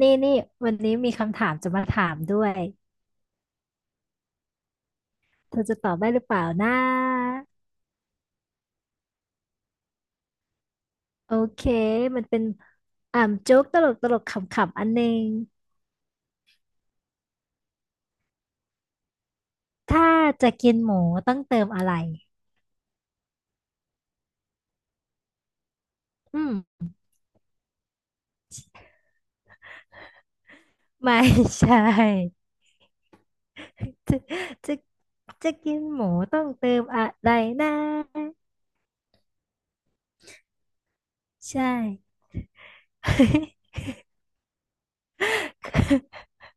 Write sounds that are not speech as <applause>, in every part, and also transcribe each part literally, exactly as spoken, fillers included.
นี่นี่วันนี้มีคำถามจะมาถามด้วยเธอจะตอบได้หรือเปล่านะโอเคมันเป็นอ่าโจ๊กตลกตลกขำๆอันหนึงถ้าจะกินหมูต้องเติมอะไรอืมไม่ใช่จะจะจะกินหมูต้องเติมอะไรนะใช่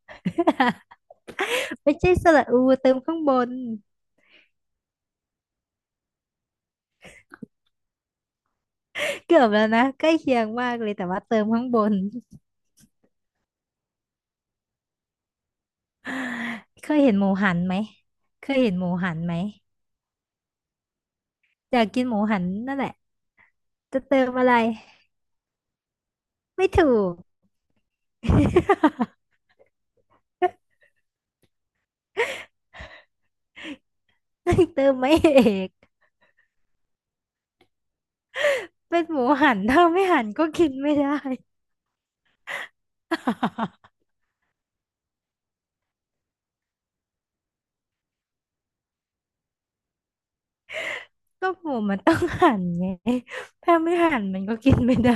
<laughs> ไม่ใช่สระอูเติมข้างบนเกือบแล้วนะใกล้เคียงมากเลยแต่ว่าเติมข้างบน <laughs> เคยเห็นหมูหันไหมเคยเห็นหมูหันไหมอยากกินหมูหันนั่นแหละจะเติมอะไรไม่ถูก <laughs> เติมไม่เอกเป็นหมูหันถ้าไม่หันก็กินไม่ได้ <laughs> ก็หมูมันต้องหันไงถ้าไม่หันมันก็กินไม่ได้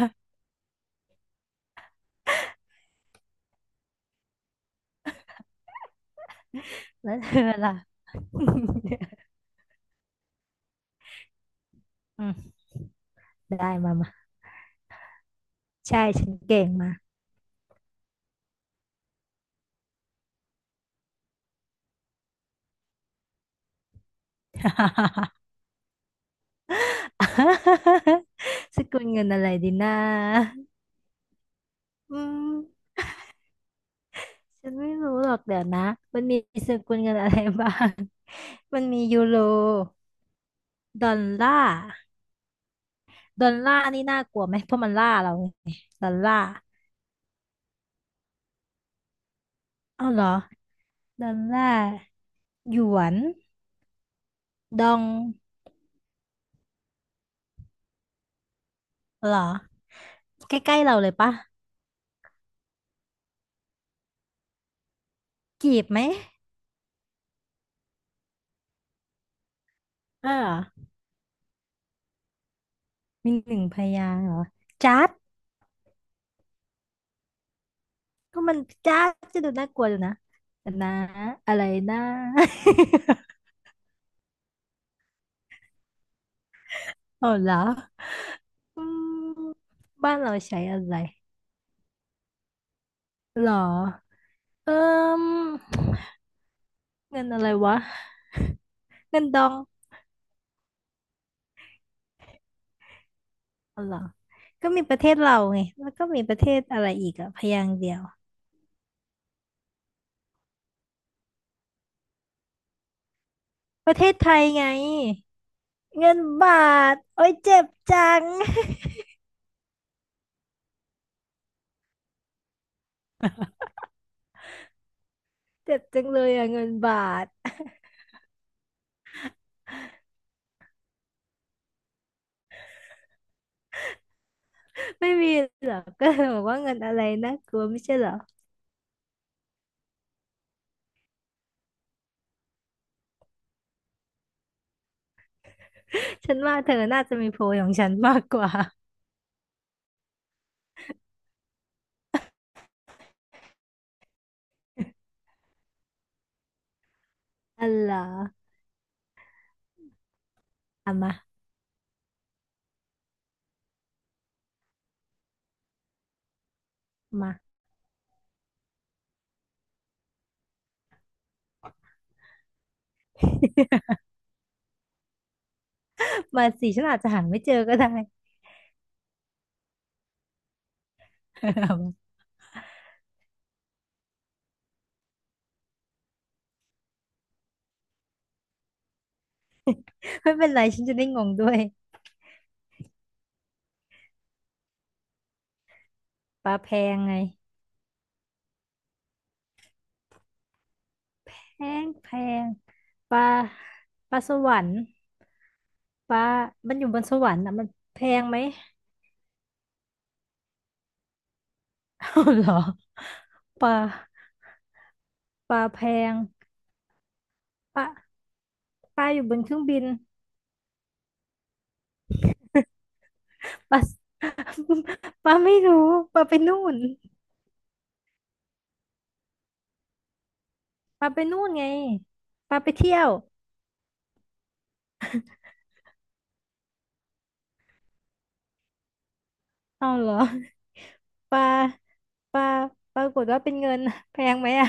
แล้วเธอล่ะ <laughs> อืม <laughs> ได้มามาใช่ฉันเก่งมา <laughs> สกุลเงินอะไรดีนะอืม ฉันไม่รู้หรอกเดี๋ยวนะ มันมีสกุลเงินอะไรบ้าง <laughs> มันมียูโรดอลลาร์ดอลลาร์นี่น่ากลัวไหมเพราะมันล่าเราไงดอลลาร์อ้าวเหรอดอลลาร์หยวนดองเหรอใกล้ๆเราเลยปะกีบไหมเออเหรอมีหนึ่งพยางค์เหรอจ๊าดก็มันจ๊าดจะดูน่ากลัวอยู่นะแต่นะอะไรนะ <laughs> ออาเหรออืมบ้านเราใช้อะไร เหรอ เอิ่มเงินอะไรวะ เงินดองอ๋อเหรอ ก็มีประเทศเราไง แล้วก็มีประเทศอะไรอีกอะพยางค์เดียว ประเทศไทยไง เงินบาท โอ้ยเจ็บจัง <laughs> เจ็บจังเลยอะเงินบาท <laughs> ไม่มีเหรอก็เลยบอกว่าเงินอะไรนะกลัวไม่ใช่เหรอฉันว่าเธอน่าจะมีโพยของฉันมากกว่า <laughs> อ๋อเหรอเอามามา <laughs> มาสิฉันอาจจะหาไม่เจอก็ได้ <laughs> ไม่เป็นไรฉันจะได้งงด้วย ปลาแพงไงแพงแพงปลาปลาสวรรค์ปลามันอยู่บนสวรรค์อ่ะมันแพงไหม <laughs> เอาเหรอปลาปลาแพงปลาปลาอยู่บนเครื่องบินปลา <laughs> ปลาไม่รู้ปลาไปนู่นปลาไปนู่นไงปลาไปเที่ยวเอาเหรอปลาปลาปรากฏว่าเป็นเงินแพงไหมอ่ะ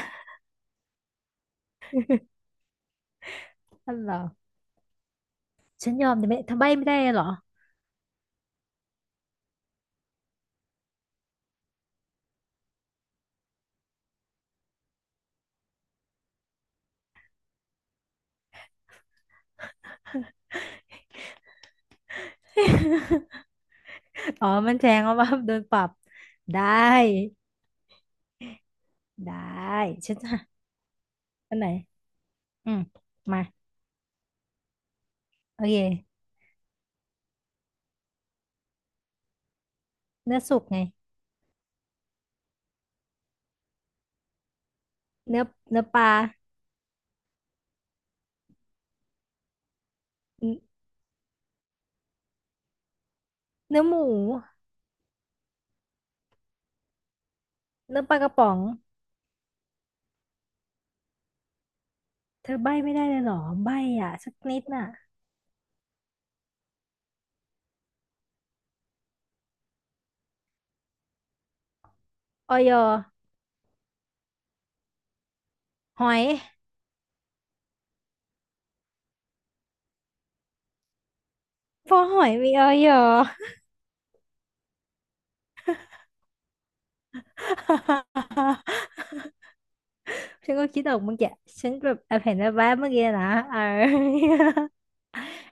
เอาเหรอฉันยอมแต่ไหม่ทำใบไม่ได้เหรอ <laughs> อ๋อมันแทงเอาว่าโดนปรับได้ได้ฉันจะอันไหนอืม มาโอเคเนื้อสุกไงเนื้อเนื้อปลาเนอเนื้อหมูเนื้อปลากระป๋องเธอใบ้ไม่ได้เลยเหรอใบ้อ่ะสักนิดน่ะออยหอยเพอหอยมีออย <laughs> ฉันก็คิดออกเมื่อกี้ฉันแบบแอบเห็นแวบๆเมื่อกี้นะเออ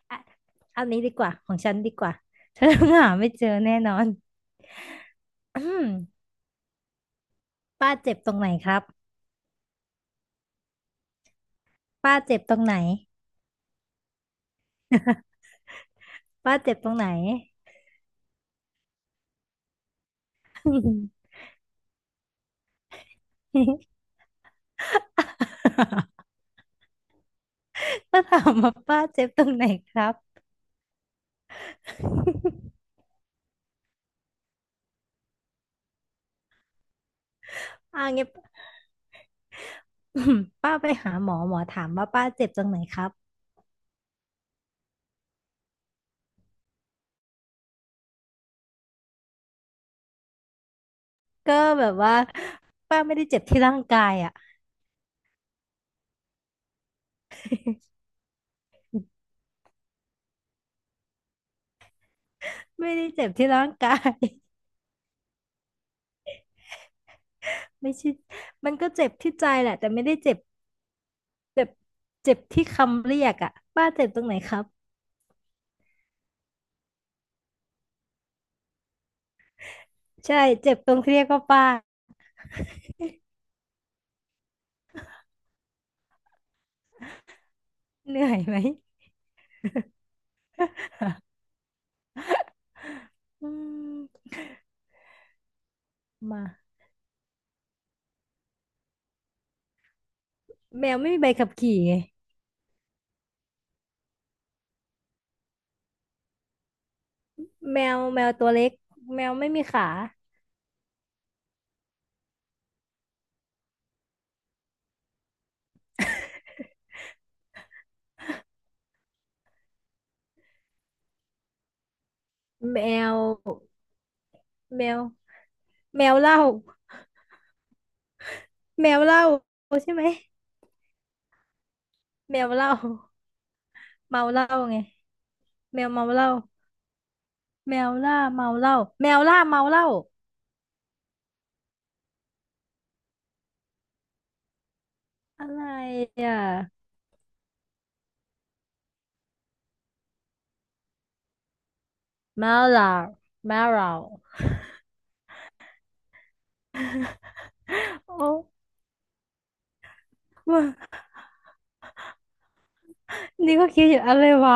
อ่ะอันนี้ดีกว่าของฉันดีกว่าเธอหาไม่เจอแน่นอน อืมป้าเจ็บตรงไหนครับป้าเจ็บตรงไหน ป้าเจ็บตรงไหน <laughs> ถ้า <laughs> ถามว่าป้าเจ็บตรงไหนครับอ่างี้น <laughs> อืมป้าไปหาหมอหมอถามว่าป้าเจ็บตรงไหนครับ ก็แบบว่าป้าไม่ได้เจ็บที่ร่างกายอ่ะไม่ได้เจ็บที่ร่างกาย <laughs> ไม่ใช่มันก็เจ็บที่ใจแหละแต่ไม่ได้เจ็บเจ็บเจ็บที่คำเรียกอ่ะป้าเจ็บตรงไหนครับ ใช่เจ็บตรงที่เรียกว่าป้าเหนื่อยไหม <laughs> อืม มาแมวไม่มีใบขับขี่ไงแมวแมวตัวเล็กแมวไม่มีขา <laughs> แมวแมวแมวเหล้าแมวเหล้าใช่ไหมแมวเหล้าเมาเหล้าไงแมวเมาเหล้าแมวล่าเมาเหล้าแมวล่าเมาเหล้าอะไรอ่ะเมาเหล้าเมาเหล้าโอ้ว่านี่ก็คิดอยู่อะไรวะ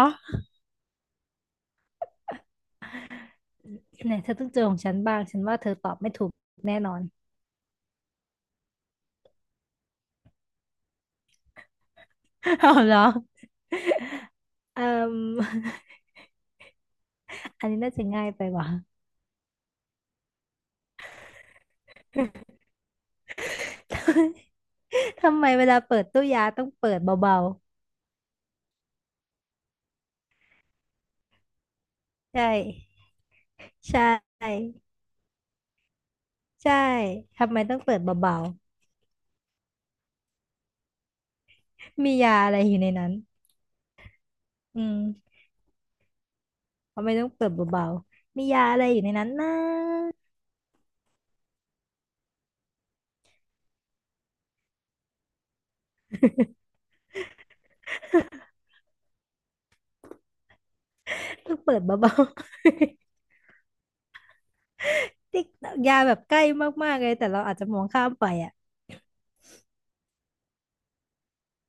เนี่ยเธอต้องเจอของฉันบ้างฉันว่าเธอตอบไม่ถูกแน่นอน <laughs> เอาเหรอเอ่ม อันนี้น่าจะง่ายไปว่ะ <laughs> ทำไมเวลาเปิดตู้ยาต้องเปิดเบาๆใช่ใช่ใช่ทำไมต้องเปิดเบาๆมียาอะไรอยู่ในนั้นอืมทำไมต้องเปิดเบาๆมียาอะไรอยู่ในนั้นนะต้องเปิดเบาๆ <laughs> ติ๊กยาแบบใกล้มากๆเลยแต่เราอาจจะมองข้ามไปอ่ะ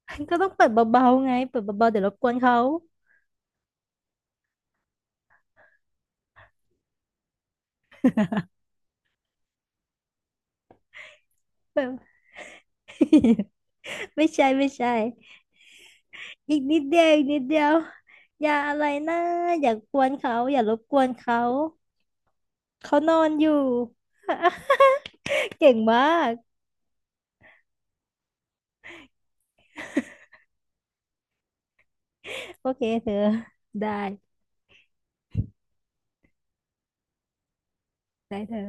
<laughs> ก็ต้องเปิดเบาๆไงเปิดเบาๆเดี๋ยวรบกวนเขา <laughs> ไม่ใช่ไม่ใช่ อีกนิดเดียวอีกนิดเดียวอย่าอะไรนะอย่ากวนเขาอย่ารบกวนเขาเขานอนอยู่ <laughs> เก่งมากโอเคเธอได้ได้เธอ